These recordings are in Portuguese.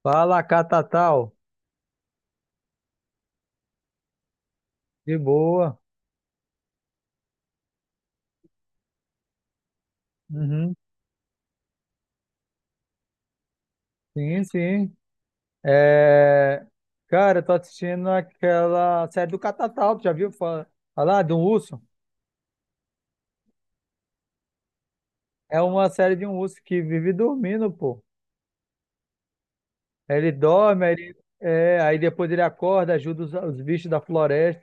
Fala, Catatal. De boa. Uhum. Sim, sim. É... Cara, eu tô assistindo aquela série do Catatal. Tu já viu falar de um urso? É uma série de um urso que vive dormindo, pô. Ele dorme, aí aí depois ele acorda, ajuda os bichos da floresta.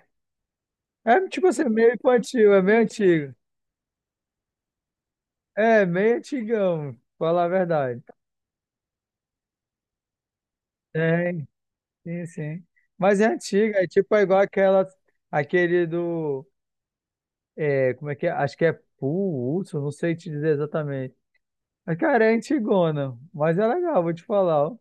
É tipo assim, meio infantil, é meio antigo. É, meio antigão, pra falar a verdade. Tem, sim, sim. Mas é antiga, é igual aquela, aquele do. É, como é que é? Acho que é Pool, Hudson, não sei te dizer exatamente. Mas, cara, é antigona, mas é legal, vou te falar. Ó.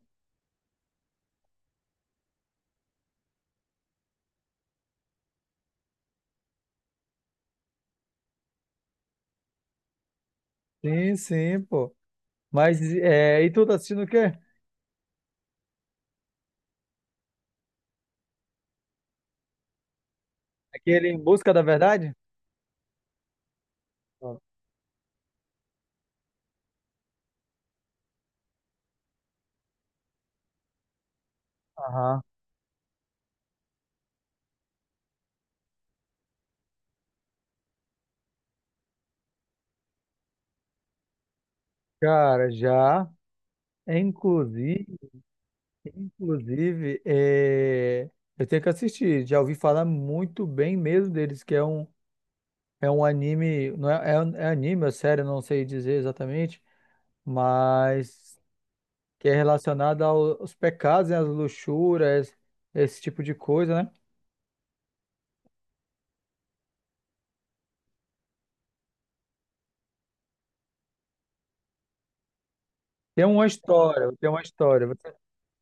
Sim, sim, pô. Mas, é, e tu tá assistindo o quê? Aquele Em Busca da Verdade? Aham. Cara, já. É, inclusive, inclusive, é, eu tenho que assistir. Já ouvi falar muito bem mesmo deles, que é é um anime, não é, é anime, é sério, não sei dizer exatamente, mas que é relacionada aos pecados, né, às luxúrias, esse tipo de coisa, né? Tem uma história, tem uma história. Vocês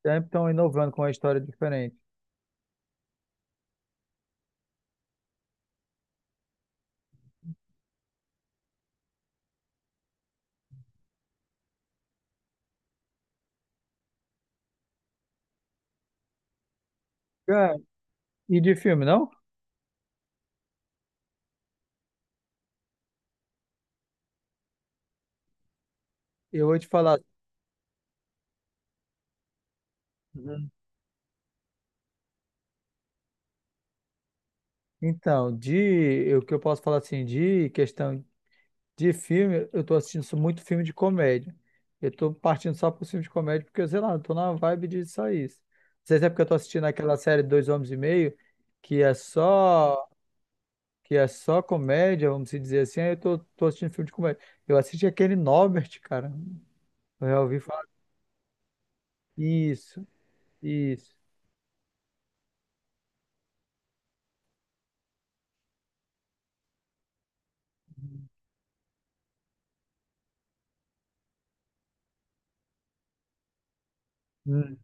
sempre estão inovando com uma história diferente. Cara, e de filme, não? Eu vou te falar. Uhum. Então, de o que eu posso falar assim, de questão de filme, eu tô assistindo só muito filme de comédia. Eu tô partindo só pro filme de comédia porque, sei lá, eu tô na vibe de só isso. Não sei se é porque eu tô assistindo aquela série Dois Homens e Meio, que é só que é só comédia, vamos se dizer assim, aí eu tô assistindo filme de comédia. Eu assisti aquele Norbert, cara. Eu já ouvi falar. Isso, isso. Hum,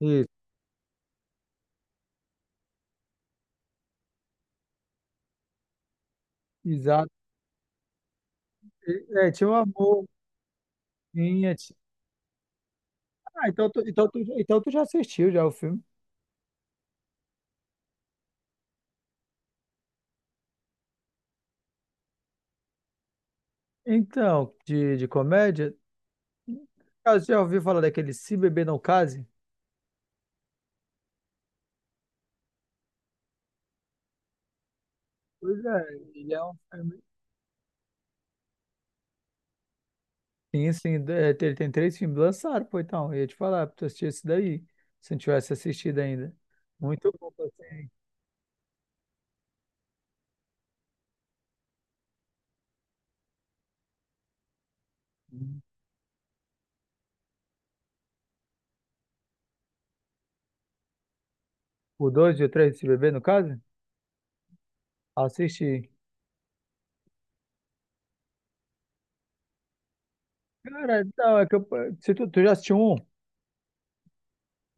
isso, exato. É, tinha um amor. Tinha, tinha. Ah, então tu já assistiu já o filme. Então, de comédia, cara, você já ouviu falar daquele Se Beber Não Case? Pois é, ele é um filme. Sim, sim, é, ele tem três filmes lançados, pô, então, eu ia te falar, pra tu assistir esse daí, se não tivesse assistido ainda. Muito bom, assim. O 2 e o 3 desse bebê, no caso? Assisti. Cara, então, é que eu, se tu já assistiu um?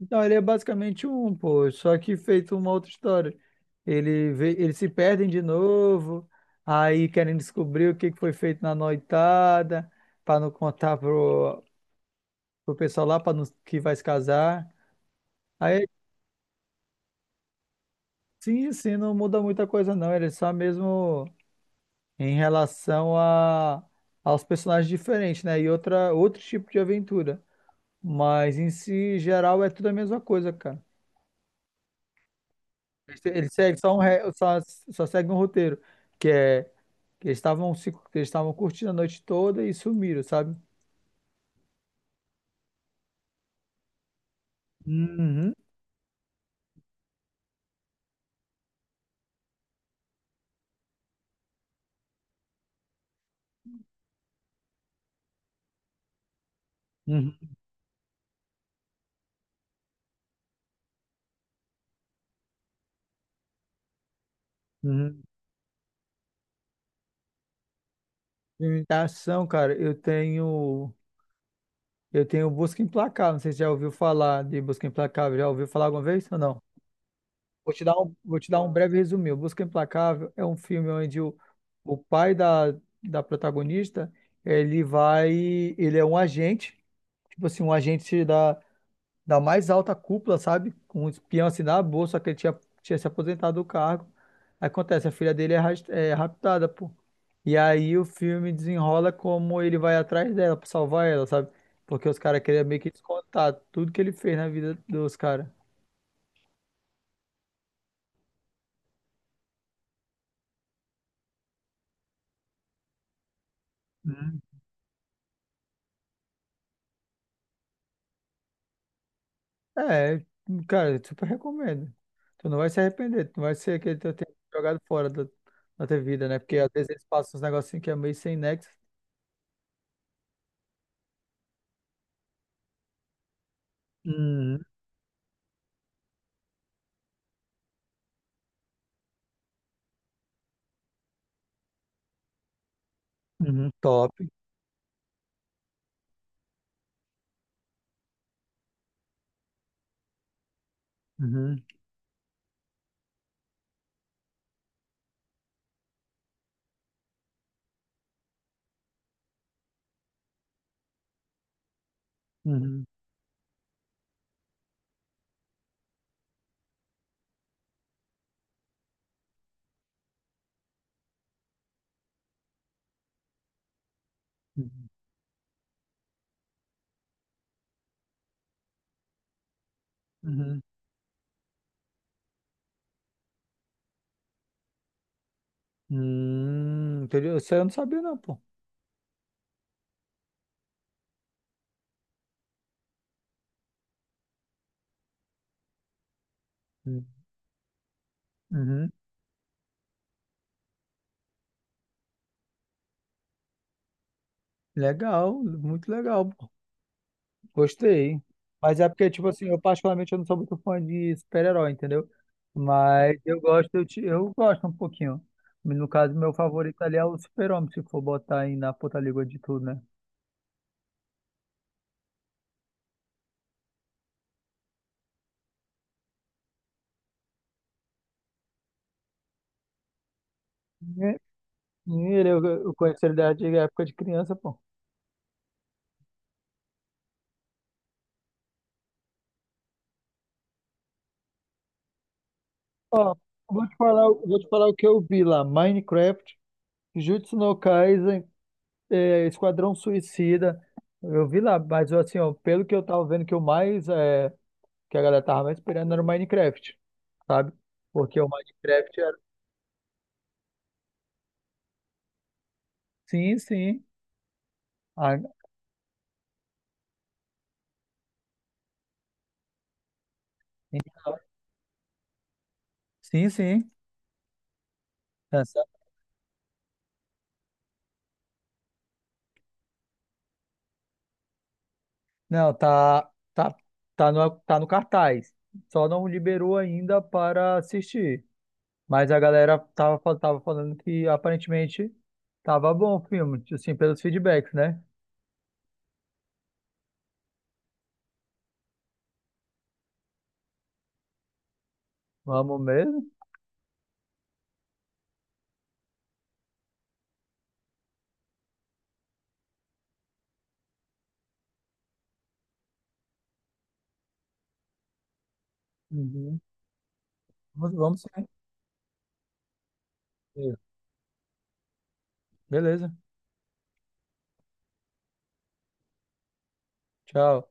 Então, ele é basicamente um, pô, só que feito uma outra história. Eles se perdem de novo, aí querem descobrir o que que foi feito na noitada, pra não contar pro pessoal lá pra não, que vai se casar. Aí, sim, sim, não muda muita coisa, não. Ele é só mesmo em relação aos personagens diferentes, né? E outro tipo de aventura. Mas em si, geral, é tudo a mesma coisa, cara. Ele segue só segue um roteiro, que é que eles estavam se- que eles estavam curtindo a noite toda e sumiram, sabe? Uhum, uhum, uhum. Filme de ação, cara, eu tenho Busca Implacável, não sei se já ouviu falar de Busca Implacável, já ouviu falar alguma vez ou não? Vou te dar vou te dar um breve resumo. O Busca Implacável é um filme onde o pai da protagonista, ele vai, ele é um agente tipo assim, um agente da mais alta cúpula, sabe? Com um espião assim na bolsa, só que ele tinha se aposentado do cargo. Aí acontece, a filha dele é raptada, pô. E aí o filme desenrola como ele vai atrás dela pra salvar ela, sabe? Porque os caras queriam meio que descontar tudo que ele fez na vida dos caras. Hum. É, cara, eu super recomendo. Tu não vai se arrepender, tu não vai ser aquele teu tempo jogado fora da tua vida, né? Porque às vezes eles passam uns negocinhos que é meio sem nexo. Uhum. Uhum. Top. Uhum, uhum, uhum, uhum. Entendeu? Isso aí eu não sabia não, pô. Hum, uhum. Legal, muito legal, pô. Gostei. Mas é porque, tipo assim, eu particularmente eu não sou muito fã de super-herói, entendeu? Mas eu gosto, eu gosto um pouquinho. No caso, meu favorito ali é o Super-Homem, se for botar aí na puta língua de tudo, né? E- e ele, eu conheço ele da antiga época de criança, pô. Ó, eu vou te falar, eu vou te falar o que eu vi lá. Minecraft, Jujutsu no Kaisen, é, Esquadrão Suicida. Eu vi lá, mas assim, ó, pelo que eu tava vendo que a galera tava mais esperando era o Minecraft, sabe? Porque o Minecraft era. Sim, sim. Ah, sim, sim. Essa- não, tá no, tá no cartaz. Só não liberou ainda para assistir. Mas a galera tava falando que aparentemente tava bom o filme, assim, pelos feedbacks, né? Vamos mesmo? Uhum. Vamos, vamos sim. Beleza. Tchau.